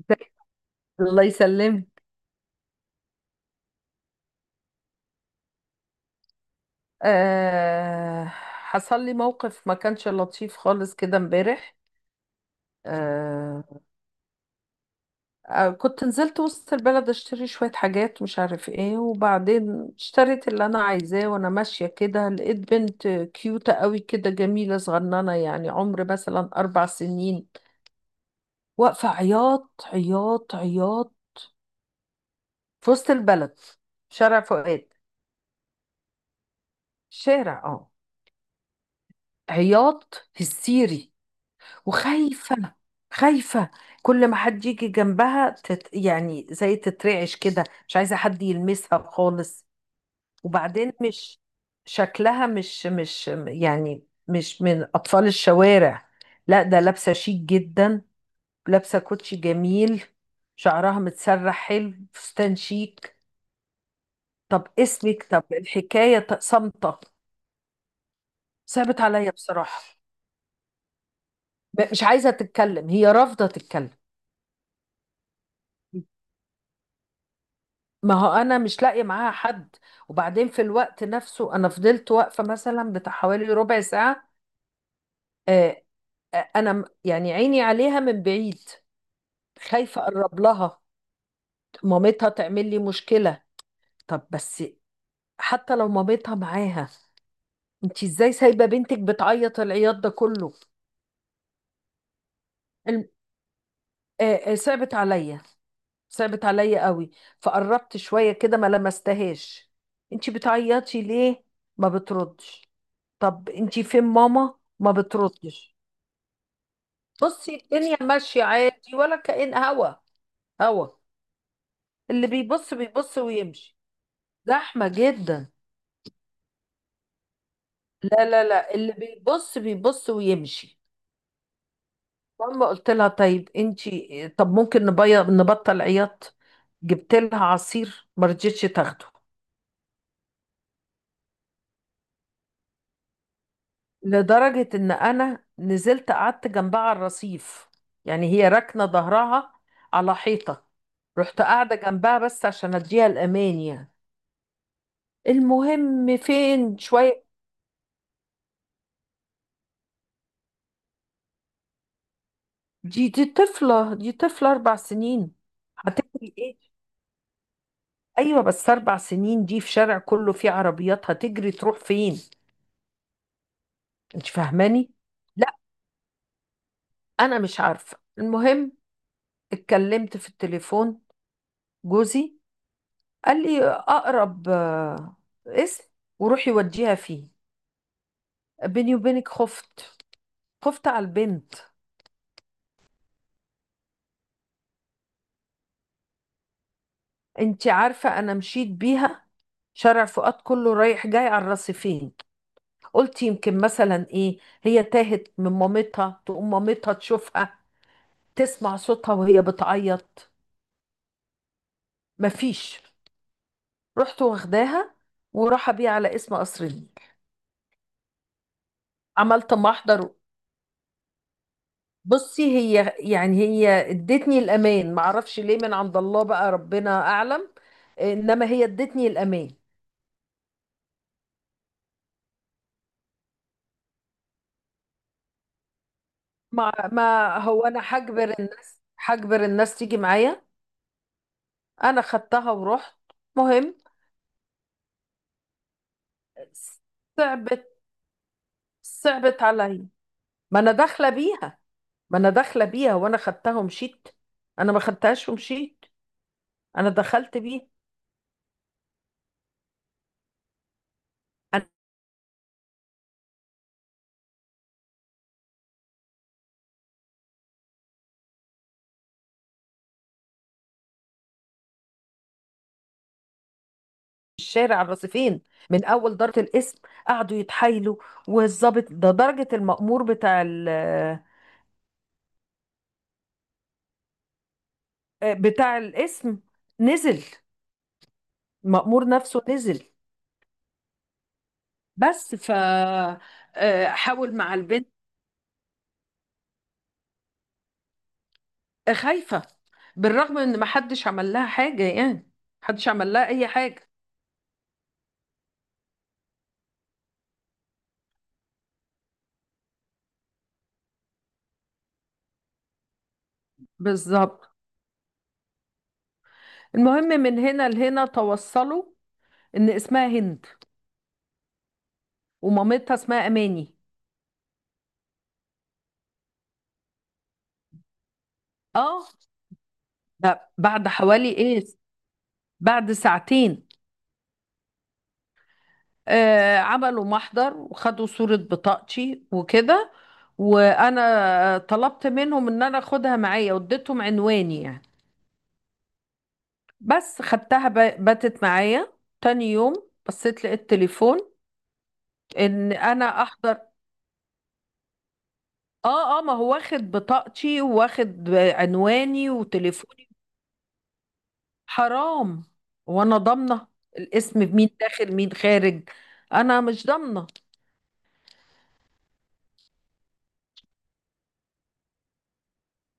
ازيك؟ الله يسلمك. آه. حصل لي موقف ما كانش لطيف خالص كده امبارح. آه. كنت نزلت وسط البلد اشتري شوية حاجات، مش عارف ايه. وبعدين اشتريت اللي انا عايزاه، وانا ماشية كده لقيت بنت كيوتة قوي كده، جميلة صغننة، يعني عمر مثلا 4 سنين، واقفة عياط عياط عياط. في وسط البلد، شارع فؤاد. شارع، اه. عياط هستيري، وخايفة. خايفة. كل ما حد يجي جنبها يعني زي تترعش كده، مش عايزة حد يلمسها خالص. وبعدين مش شكلها مش مش يعني مش من أطفال الشوارع. لا، ده لابسة شيك جدا، لابسة كوتشي جميل، شعرها متسرح حلو، فستان شيك. طب اسمك، طب الحكاية، طب. صامتة. صعبت عليا بصراحة. مش عايزة تتكلم، هي رافضة تتكلم. ما هو انا مش لاقيه معاها حد. وبعدين في الوقت نفسه، انا فضلت واقفه مثلا بتاع حوالي ربع ساعه. آه، انا يعني عيني عليها من بعيد. خايفه اقرب لها، مامتها تعمل لي مشكله. طب بس، حتى لو مامتها معاها، انت ازاي سايبه بنتك بتعيط العياط ده كله؟ الم- صعبت عليا، صعبت عليا قوي. فقربت شوية كده، ما لمستهاش. انتي بتعيطي ليه؟ ما بتردش. طب انتي فين ماما؟ ما بتردش. بصي، الدنيا ماشية عادي، ولا كأن هوا اللي بيبص بيبص ويمشي. زحمة جدا. لا لا لا، اللي بيبص بيبص ويمشي. ماما، قلت لها طيب انتي، طب ممكن نبطل عياط. جبت لها عصير ما رضتش تاخده. لدرجة ان انا نزلت قعدت جنبها على الرصيف، يعني هي راكنة ظهرها على حيطة. رحت قاعدة جنبها بس عشان اديها الامان يعني. المهم فين شوية. دي طفلة، دي طفلة 4 سنين، هتجري ايه؟ ايوه بس 4 سنين دي في شارع كله فيه عربيات، هتجري تروح فين؟ انت فاهماني؟ لا. انا مش عارفة. المهم، اتكلمت في التليفون جوزي، قال لي اقرب اسم وروحي وديها فيه. بيني وبينك خفت، خفت على البنت. انت عارفه، انا مشيت بيها شارع فؤاد كله رايح جاي على الرصيفين. قلت يمكن مثلا ايه، هي تاهت من مامتها، تقوم مامتها تشوفها، تسمع صوتها وهي بتعيط. مفيش. رحت واخداها، وراح بيها على اسم قصر النيل. عملت محضر. بصي هي، يعني هي ادتني الامان، ما اعرفش ليه، من عند الله بقى، ربنا اعلم. انما هي ادتني الامان. ما هو انا هجبر الناس، هجبر الناس تيجي معايا. انا خدتها ورحت. مهم. صعبت، صعبت عليا. ما انا داخله بيها، ما انا داخله بيها وانا خدتها ومشيت. انا ما خدتهاش ومشيت، انا دخلت بيها. الشارع الرصيفين، من اول ضربه الاسم قعدوا يتحايلوا. والظابط ده درجه المأمور بتاع بتاع الاسم، نزل. المأمور نفسه نزل. بس ف حاول مع البنت. خايفه، بالرغم ان ما حدش عمل لها حاجه يعني، محدش عمل لها اي حاجه. بالظبط. المهم، من هنا لهنا توصلوا ان اسمها هند، ومامتها اسمها اماني. اه. ده بعد حوالي ايه؟ بعد ساعتين. عملوا محضر وخدوا صورة بطاقتي وكده. وانا طلبت منهم ان انا اخدها معايا واديتهم عنواني يعني. بس خدتها، باتت معايا. تاني يوم بصيت لقيت تليفون ان انا احضر. اه اه، ما هو واخد بطاقتي، واخد عنواني وتليفوني. حرام. وانا ضامنه الاسم مين داخل مين خارج؟ انا مش ضامنه.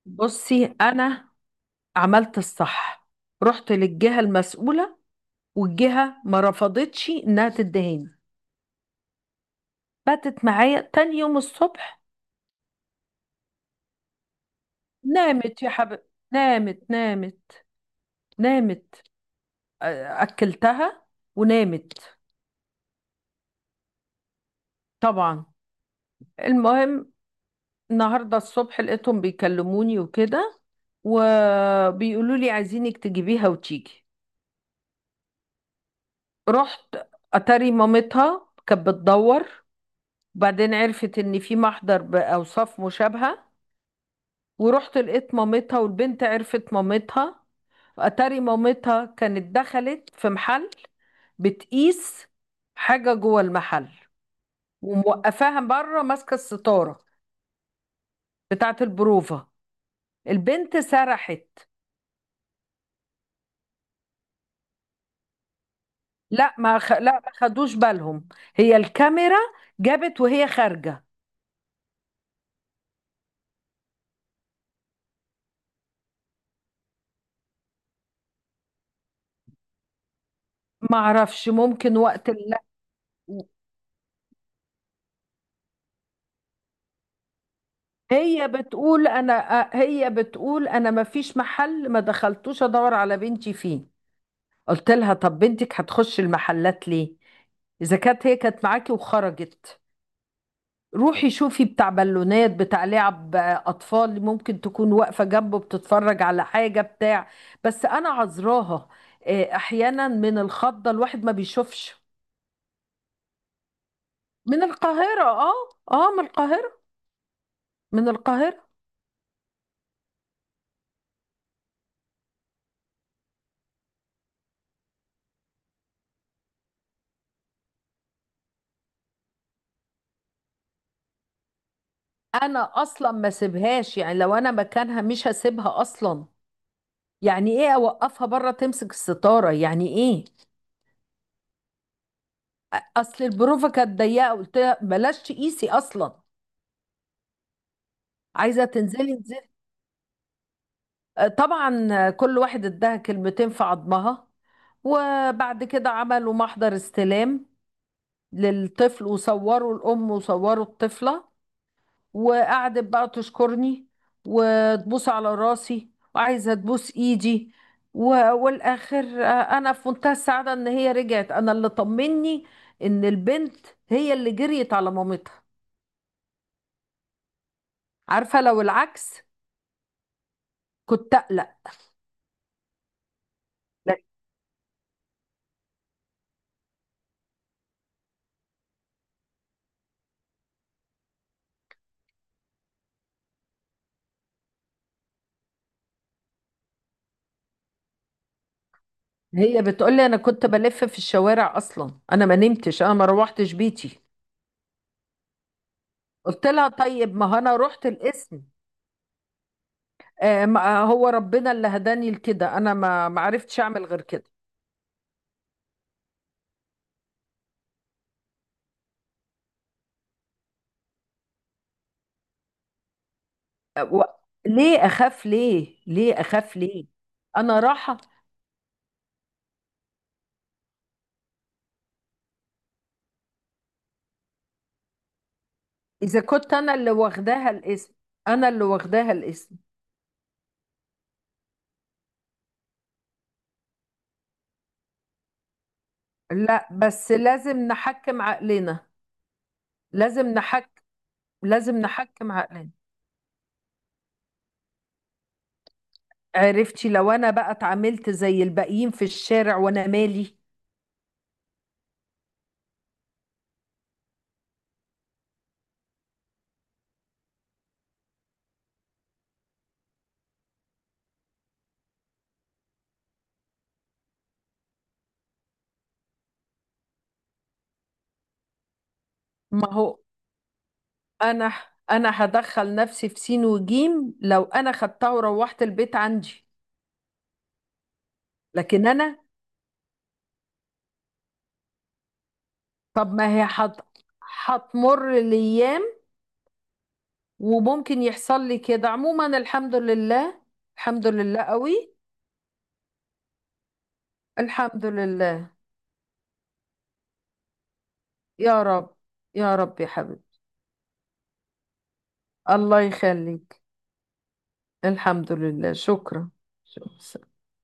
بصي انا عملت الصح، رحت للجهه المسؤوله، والجهة ما رفضتش انها تدهاني. باتت معايا تاني يوم الصبح. نامت يا حبيبي، نامت نامت. نامت. اكلتها ونامت. طبعا. المهم، النهارده الصبح لقيتهم بيكلموني وكده، وبيقولوا لي عايزينك تجيبيها وتيجي. رحت، اتاري مامتها كانت بتدور. وبعدين عرفت ان في محضر باوصاف مشابهه. ورحت لقيت مامتها، والبنت عرفت مامتها. اتاري مامتها كانت دخلت في محل بتقيس حاجة جوه المحل، وموقفاها بره ماسكة الستارة بتاعة البروفة. البنت سرحت. لا ما خدوش بالهم. هي الكاميرا جابت وهي خارجة. ما اعرفش، ممكن وقت هي بتقول انا هي بتقول انا، ما فيش محل ما دخلتوش ادور على بنتي فيه. قلت لها طب بنتك هتخش المحلات ليه اذا كانت هي كانت معاكي وخرجت؟ روحي شوفي بتاع بالونات، بتاع لعب اطفال، ممكن تكون واقفه جنبه بتتفرج على حاجه بتاع. بس انا عذراها، احيانا من الخضه الواحد ما بيشوفش. من القاهره، اه. اه، من القاهره. من القاهره. انا اصلا ما سيبهاش، يعني لو انا مكانها مش هسيبها اصلا. يعني ايه اوقفها بره تمسك الستاره؟ يعني ايه؟ اصل البروفه كانت ضيقه، قلت لها بلاش تقيسي اصلا. عايزه تنزلي. طبعا كل واحد اداها كلمتين في عظمها، وبعد كده عملوا محضر استلام للطفل، وصوروا الأم وصوروا الطفلة. وقعدت بقى تشكرني، وتبوس على راسي، وعايزة تبوس إيدي. والآخر أنا في منتهى السعادة إن هي رجعت. أنا اللي طمني إن البنت هي اللي جريت على مامتها. عارفة لو العكس، كنت أقلق. هي بتقولي انا كنت بلف في الشوارع، اصلا انا ما نمتش، انا ما روحتش بيتي. قلت لها طيب، ما هو انا رحت القسم. آه ما آه، هو ربنا اللي هداني لكده، انا ما عرفتش اعمل غير كده. آه، و... ليه اخاف ليه؟ ليه اخاف ليه؟ انا راحة. اذا كنت انا اللي واخداها الاسم، انا اللي واخداها الاسم. لا بس لازم نحكم عقلنا. لازم نحكم، لازم نحكم عقلنا. عرفتي لو انا بقى اتعاملت زي الباقيين في الشارع وانا مالي؟ ما هو انا، انا هدخل نفسي في سين وجيم لو انا خدتها وروحت البيت عندي. لكن انا طب ما هي هتمر الايام وممكن يحصل لي كده. عموما الحمد لله، الحمد لله قوي. الحمد لله. يا رب، يا رب يا حبيبي. الله يخليك. الحمد لله، شكرا. شكرا.